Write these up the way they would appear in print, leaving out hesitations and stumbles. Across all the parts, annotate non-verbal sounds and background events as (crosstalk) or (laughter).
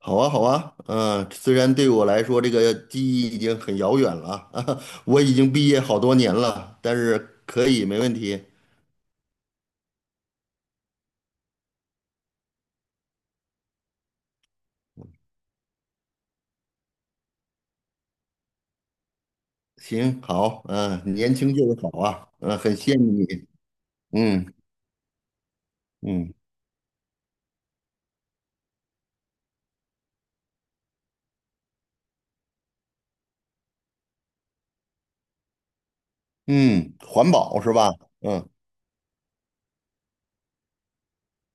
好啊，好啊，嗯，虽然对我来说这个记忆已经很遥远了啊 (laughs) 我已经毕业好多年了，但是可以，没问题。行，好，嗯，年轻就是好啊，嗯，很羡慕你，嗯嗯嗯，环保是吧？嗯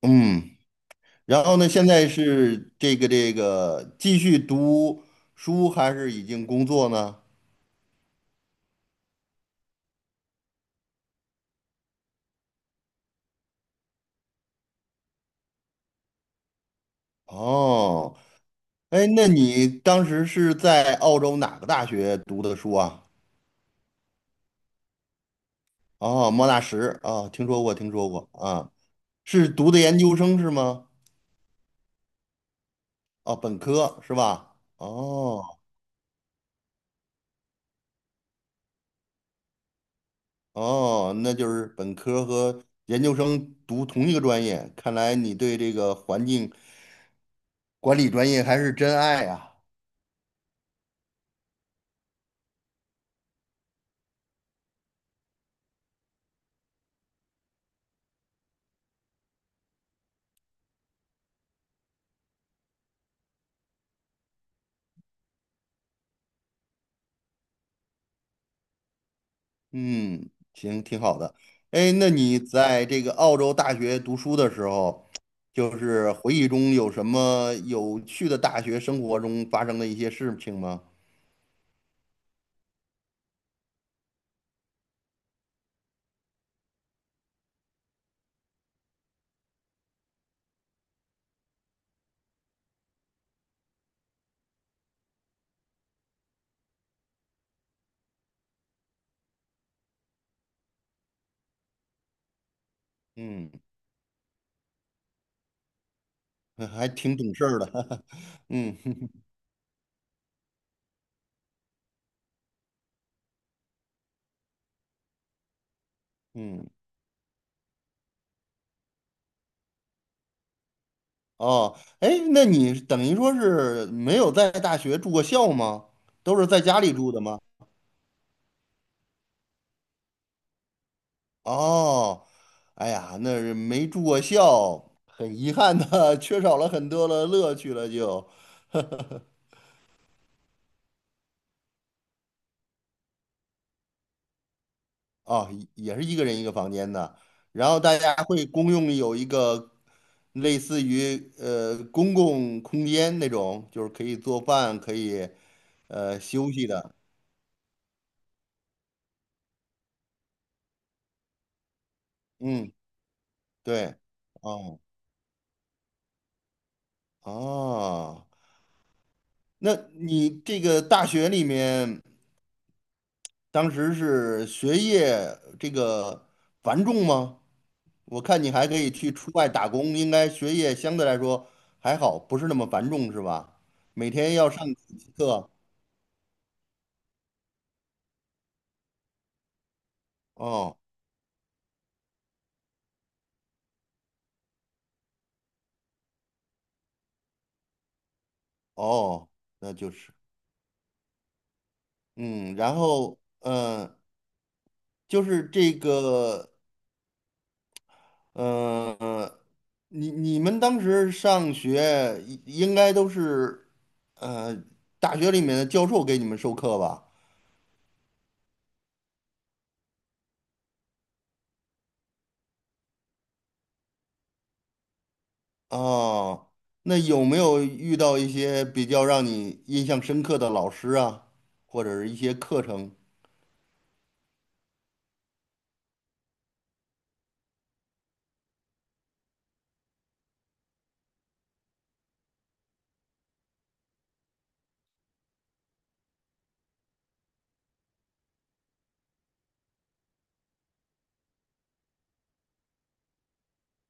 嗯，然后呢，现在是这个继续读书还是已经工作呢？哦，哎，那你当时是在澳洲哪个大学读的书啊？哦，莫纳什啊，听说过，听说过啊，是读的研究生是吗？哦，本科是吧？哦哦，那就是本科和研究生读同一个专业，看来你对这个环境管理专业还是真爱啊。嗯，行，挺好的。哎，那你在这个澳洲大学读书的时候，就是回忆中有什么有趣的大学生活中发生的一些事情吗？嗯。(laughs) 还挺懂事儿的，(laughs) 嗯嗯，哦，哎，那你等于说是没有在大学住过校吗？都是在家里住的吗？哦，哎呀，那是没住过校，很遗憾的，(laughs) 缺少了很多的乐趣了就，(laughs) 哦，也是一个人一个房间的，然后大家会公用有一个类似于公共空间那种，就是可以做饭，可以休息的。嗯。对，哦哦，那你这个大学里面当时是学业这个繁重吗？我看你还可以去出外打工，应该学业相对来说还好，不是那么繁重是吧？每天要上几节课？哦哦，那就是，嗯，然后就是这个呃，你们当时上学应该都是，呃，大学里面的教授给你们授课吧？哦，那有没有遇到一些比较让你印象深刻的老师啊，或者是一些课程？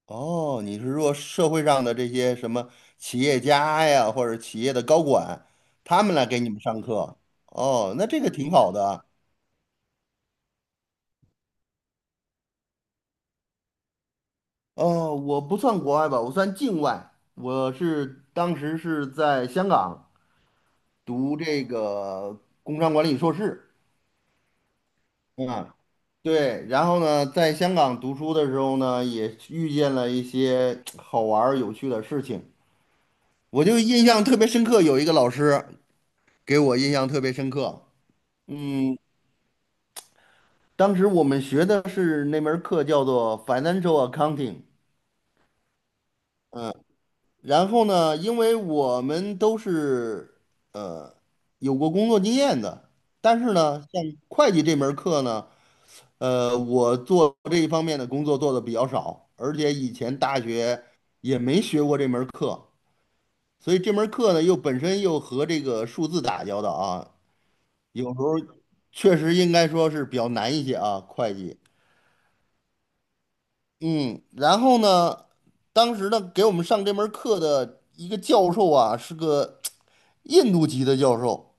哦，你是说社会上的这些什么企业家呀，或者企业的高管，他们来给你们上课？哦，那这个挺好的我不算国外吧，我算境外。我是当时是在香港读这个工商管理硕士，嗯，对。然后呢，在香港读书的时候呢，也遇见了一些好玩儿有趣的事情。我就印象特别深刻，有一个老师给我印象特别深刻。嗯，当时我们学的是那门儿课叫做 Financial Accounting。然后呢，因为我们都是呃有过工作经验的，但是呢，像会计这门儿课呢，我做这一方面的工作做的比较少，而且以前大学也没学过这门儿课，所以这门儿课呢又本身又和这个数字打交道啊，有时候确实应该说是比较难一些啊，会计。嗯，然后呢，当时呢给我们上这门课的一个教授啊，是个。印度籍的教授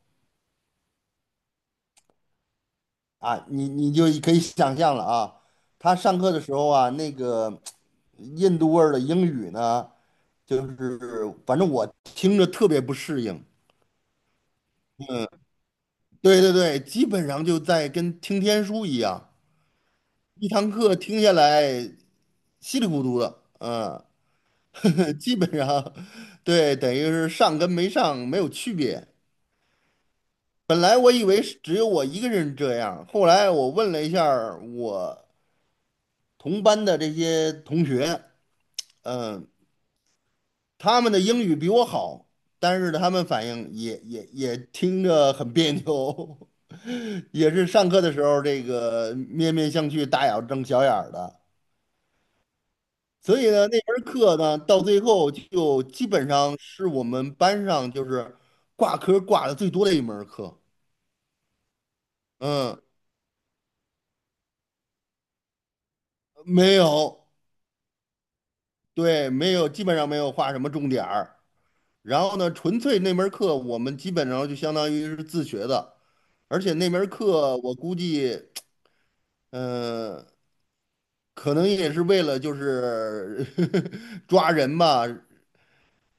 啊，你就可以想象了啊，他上课的时候啊，那个印度味儿的英语呢，就是反正我听着特别不适应。对对对，基本上就在跟听天书一样，一堂课听下来稀里糊涂的，嗯，(laughs) 基本上对，等于是上跟没上没有区别。本来我以为是只有我一个人这样，后来我问了一下儿我同班的这些同学，嗯，他们的英语比我好，但是他们反应也听着很别扭，(laughs) 也是上课的时候这个面面相觑、大眼瞪小眼儿的。所以呢，那门课呢，到最后就基本上是我们班上就是挂科挂的最多的一门课。嗯，没有，对，没有，基本上没有画什么重点儿。然后呢，纯粹那门课我们基本上就相当于是自学的，而且那门课我估计。嗯，可能也是为了就是 (laughs) 抓人吧，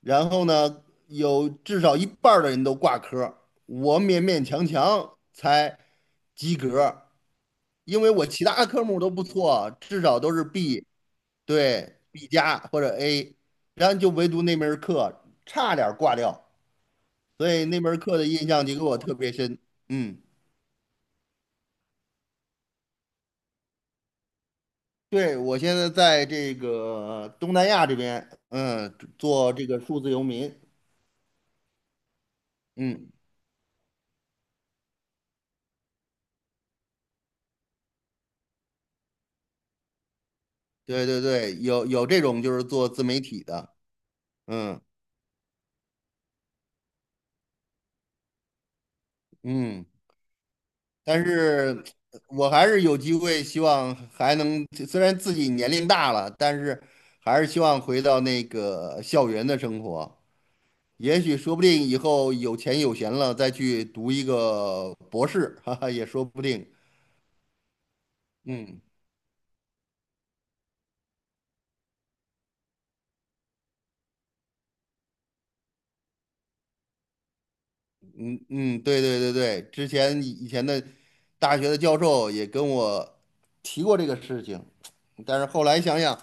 然后呢，有至少一半儿的人都挂科我勉勉强强才及格因为我其他科目都不错，至少都是 B，对，B 加或者 A，然后就唯独那门儿课差点儿挂掉，所以那门儿课的印象就给我特别深，嗯。对，我现在在这个东南亚这边，嗯，做这个数字游民。嗯，对对对，有这种就是做自媒体的，嗯嗯，但是我还是有机会，希望还能，虽然自己年龄大了，但是还是希望回到那个校园的生活。也许说不定以后有钱有闲了，再去读一个博士，(laughs) 哈哈，也说不定。嗯嗯嗯，对对对对，之前以前的大学的教授也跟我提过这个事情，但是后来想想，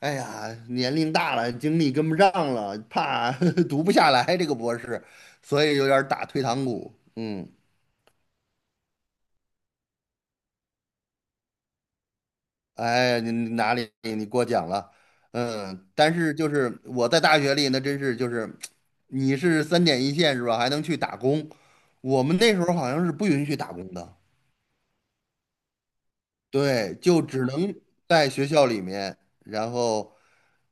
哎呀，年龄大了，精力跟不上了，怕 (laughs) 读不下来这个博士，所以有点儿打退堂鼓。嗯，哎，你哪里你过奖了？嗯，但是就是我在大学里那真是就是，你是三点一线是吧？还能去打工，我们那时候好像是不允许打工的。对，就只能在学校里面，然后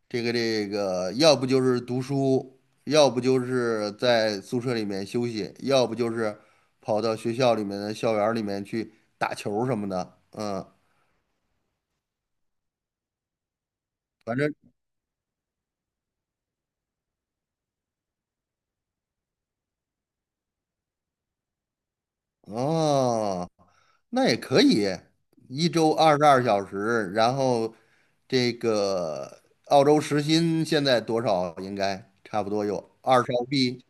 这个，要不就是读书，要不就是在宿舍里面休息，要不就是跑到学校里面的校园儿里面去打球儿什么的。嗯，反正哦，那也可以，一周22小时，然后这个澳洲时薪现在多少？应该差不多有20澳币。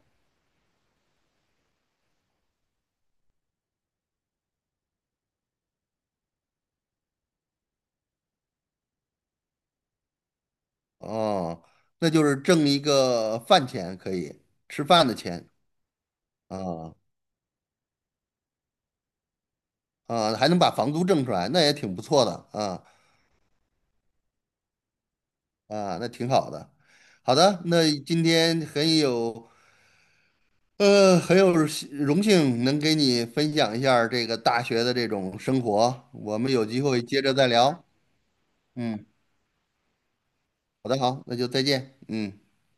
哦，那就是挣一个饭钱，可以吃饭的钱啊啊，还能把房租挣出来，那也挺不错的啊啊，那挺好的。好的，那今天很有很有幸荣幸能给你分享一下儿这个大学的这种生活，我们有机会接着再聊。嗯，好的，好，那就再见。嗯。